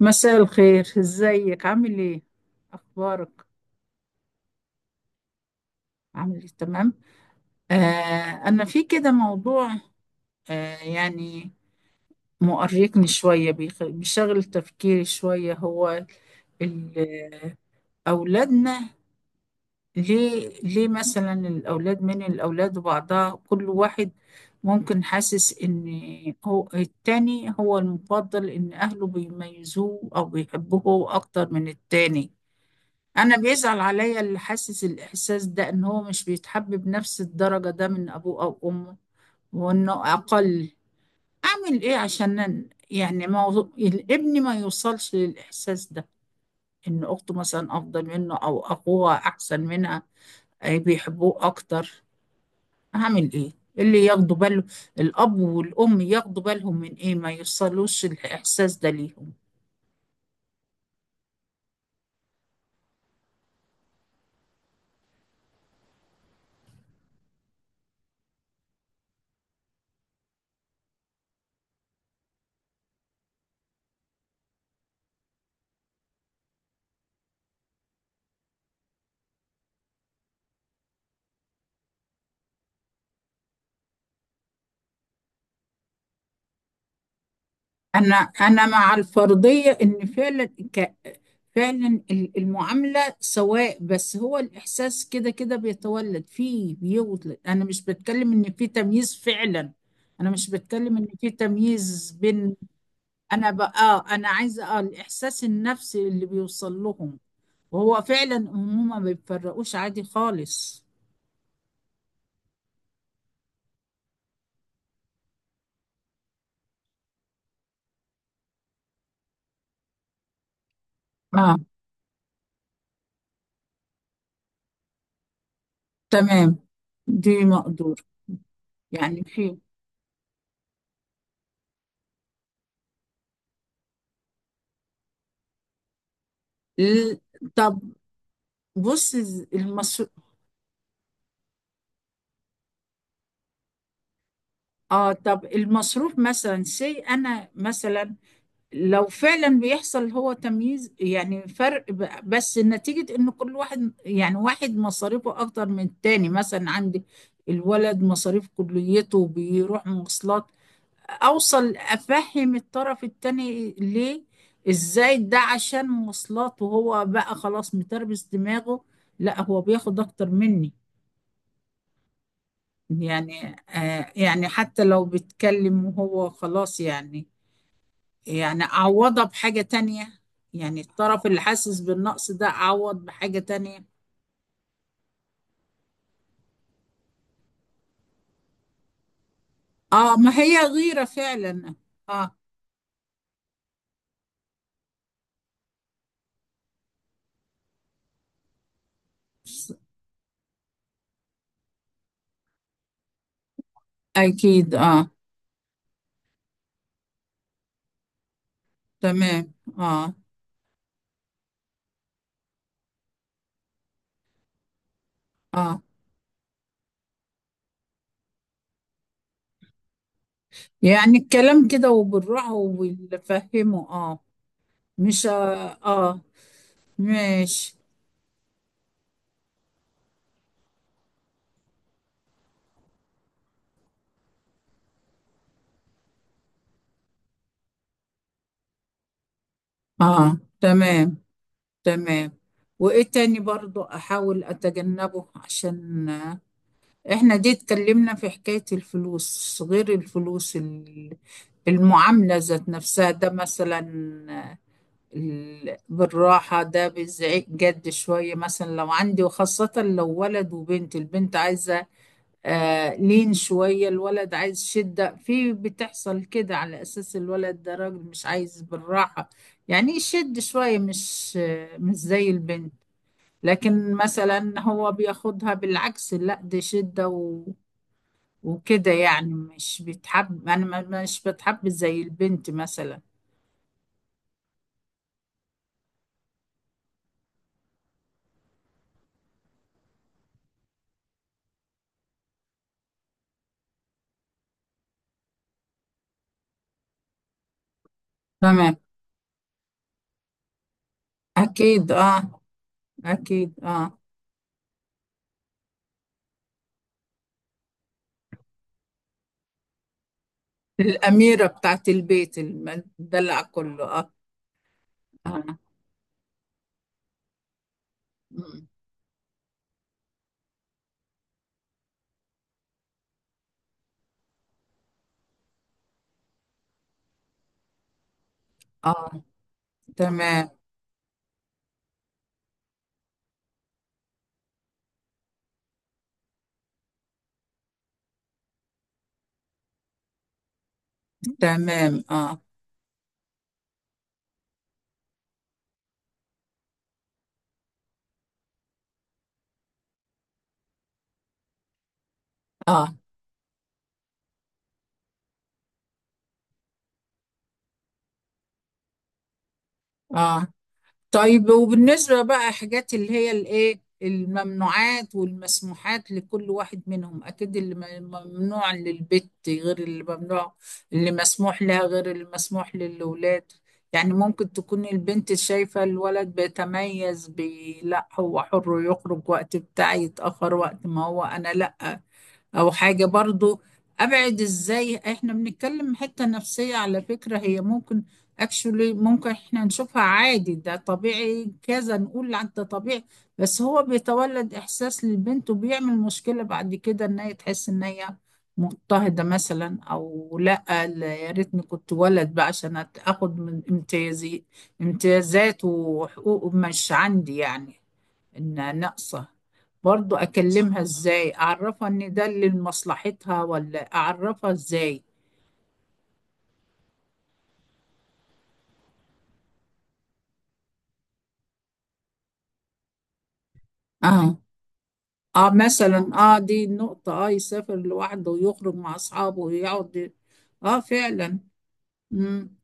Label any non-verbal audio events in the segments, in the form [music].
مساء الخير، ازيك؟ عامل ايه؟ اخبارك؟ عامل ايه؟ تمام. آه، انا في كده موضوع. آه يعني مؤرقني شويه، بيشغل تفكيري شويه. هو ال- اولادنا، ليه مثلا الاولاد من الاولاد وبعضها، كل واحد ممكن حاسس ان هو التاني هو المفضل، ان اهله بيميزوه او بيحبوه اكتر من التاني. انا بيزعل عليا اللي حاسس الاحساس ده، ان هو مش بيتحب بنفس الدرجة ده من ابوه او امه، وانه اقل. اعمل ايه عشان موضوع الابن ما يوصلش للاحساس ده، ان اخته مثلا افضل منه او اخوها احسن منها، أي بيحبوه اكتر؟ اعمل ايه؟ اللي ياخدوا باله، الاب والام، ياخدوا بالهم من ايه ما يوصلوش الاحساس ده ليهم. أنا مع الفرضية إن فعلا، ك... فعلا المعاملة سواء، بس هو الإحساس كده كده بيتولد فيه، بيولد. أنا مش بتكلم إن في تمييز فعلا، أنا مش بتكلم إن في تمييز بين. أنا بقى، أنا عايزة الإحساس النفسي اللي بيوصل لهم، وهو فعلا هما ما بيفرقوش عادي خالص. آه تمام. دي مقدور يعني. في ال- طب، بص. المس... اه، طب المصروف مثلا، سي انا مثلا لو فعلا بيحصل هو تمييز، يعني فرق، بس نتيجة ان كل واحد، يعني واحد مصاريفه اكتر من التاني. مثلا عندي الولد مصاريف كليته، بيروح مواصلات. اوصل افهم الطرف التاني ليه، ازاي ده عشان مواصلات، وهو بقى خلاص متربس دماغه، لا هو بياخد اكتر مني. يعني يعني حتى لو بيتكلم وهو خلاص يعني، يعني أعوضها بحاجة تانية. يعني الطرف اللي حاسس بالنقص ده أعوض بحاجة تانية. آه، ما هي غيرة فعلا. آه. أكيد آه. تمام. آه، آه، يعني الكلام كده وبالراحة وبالفهمه. آه، مش، آه، آه، ماشي، آه، تمام، تمام. وإيه تاني برضو أحاول أتجنبه؟ عشان احنا دي اتكلمنا في حكاية الفلوس، غير الفلوس، المعاملة ذات نفسها، ده مثلا بالراحة، ده بالزعيق جد شوية. مثلا لو عندي، وخاصة لو ولد وبنت، البنت عايزة لين شوية، الولد عايز شدة في، بتحصل كده على أساس الولد ده راجل، مش عايز بالراحة، يعني يشد شوية، مش زي البنت. لكن مثلا هو بياخدها بالعكس، لا دي شدة وكده، يعني مش بيتحب، انا ما- مش بتحب زي البنت مثلا. تمام. اكيد اه. اكيد اه. الاميره بتاعت البيت المدلع كله، اه. اه، آه. تمام. تمام. اه. اه. اه، طيب، وبالنسبة بقى حاجات اللي هي الايه، الممنوعات والمسموحات لكل واحد منهم، اكيد ممنوع للبت غير اللي ممنوع، اللي مسموح لها غير اللي مسموح للولاد. يعني ممكن تكون البنت شايفة الولد بيتميز، بي، لا هو حر يخرج وقت بتاعي، يتأخر وقت ما هو، انا لا، او حاجة برضو. ابعد ازاي؟ احنا بنتكلم حتة نفسية على فكرة. هي ممكن اكشولي ممكن احنا نشوفها عادي، ده طبيعي كذا، نقول عن ده طبيعي، بس هو بيتولد احساس للبنت وبيعمل مشكلة بعد كده، ان هي تحس ان هي مضطهدة مثلا، او لا. لا، يا ريتني كنت ولد بقى عشان اخد من امتيازي، امتيازات وحقوق مش عندي يعني، ان ناقصة. برضو اكلمها ازاي؟ اعرفها ان ده اللي لمصلحتها، ولا اعرفها ازاي؟ اه. اه مثلا. اه دي النقطة. اه، يسافر لوحده ويخرج مع اصحابه ويقعد، اه فعلا. مم.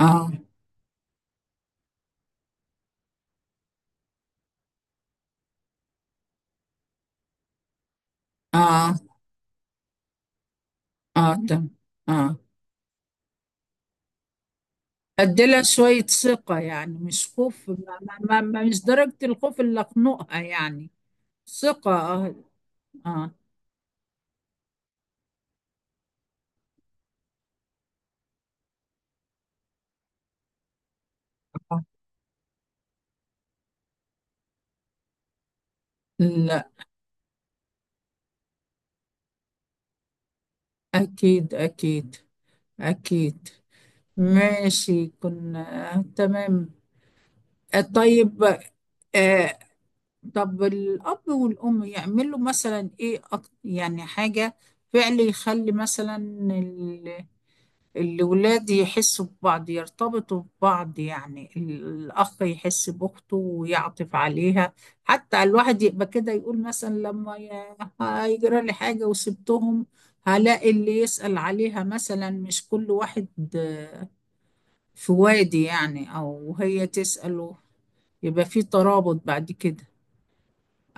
اه. اه. اه تم. اه. اديلها شوية ثقة يعني، مش خوف، مش درجة الخوف اللي اخنقها يعني. ثقة اه. اه، لا، أكيد أكيد. أكيد. ماشي، كنا تمام. آه، طيب. آه، طب الأب والأم يعملوا مثلا إيه؟ حاجة فعل يخلي مثلا ال- الولاد يحسوا ببعض، يرتبطوا ببعض. يعني الأخ يحس بأخته ويعطف عليها، حتى الواحد يبقى كده يقول مثلا، لما هيجرى لي حاجة وسبتهم، هلاقي اللي يسأل عليها مثلا، مش كل واحد آه، في وادي يعني، أو هي تسأله. يبقى في ترابط بعد كده.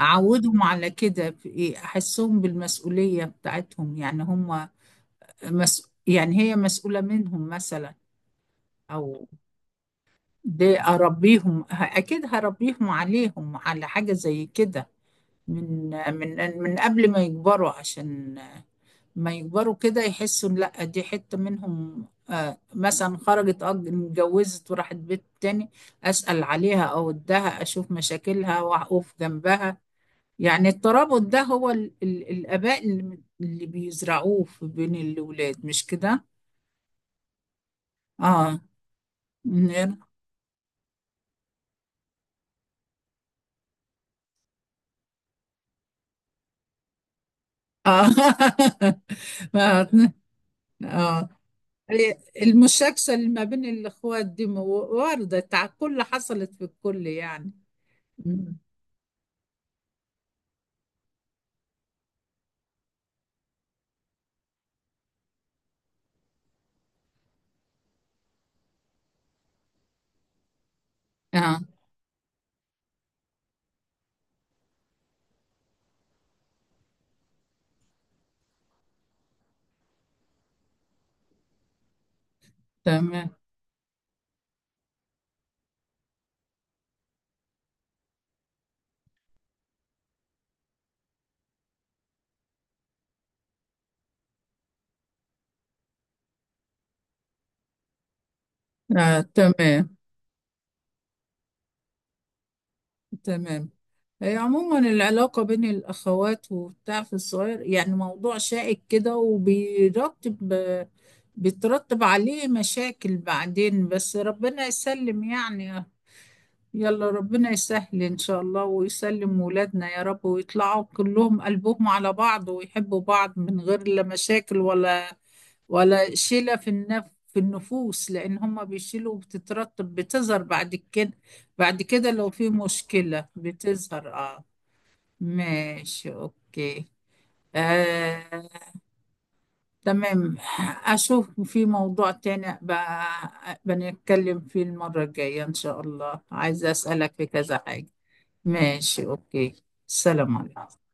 أعودهم على كده في إيه؟ أحسهم بالمسؤولية بتاعتهم، يعني هم يعني هي مسؤولة منهم مثلا. أو دي أربيهم، أكيد هربيهم عليهم على حاجة زي كده، من من قبل ما يكبروا، عشان ما يكبروا كده يحسوا إن لا دي حتة منهم. آه، مثلا خرجت، اتجوزت وراحت بيت تاني، أسأل عليها أو أدها، أشوف مشاكلها وأقف جنبها. يعني الترابط ده هو ال الآباء اللي بيزرعوه في بين الأولاد، مش كده؟ اه. من- اه [laughs] ما- اه، المشاكسة اللي ما بين الأخوات دي واردة على الكل، حصلت في الكل يعني. مم. اه. تمام. آه، تمام. تمام. هي عموما العلاقة بين الأخوات وبتاع في الصغير، يعني موضوع شائك كده، بيترتب عليه مشاكل بعدين، بس ربنا يسلم يعني. يلا، ربنا يسهل إن شاء الله، ويسلم ولادنا يا رب، ويطلعوا كلهم قلبهم على بعض ويحبوا بعض، من غير لا مشاكل ولا ولا شيلة في في النفوس، لأن هما بيشيلوا وبتترتب، بتظهر بعد كده. بعد كده لو في مشكلة بتظهر، اه. ماشي، اوكي. آه، تمام. اشوف في موضوع تاني بقى بنتكلم فيه المرة الجاية ان شاء الله، عايزة اسألك في كذا حاجة. ماشي، اوكي. سلام عليكم.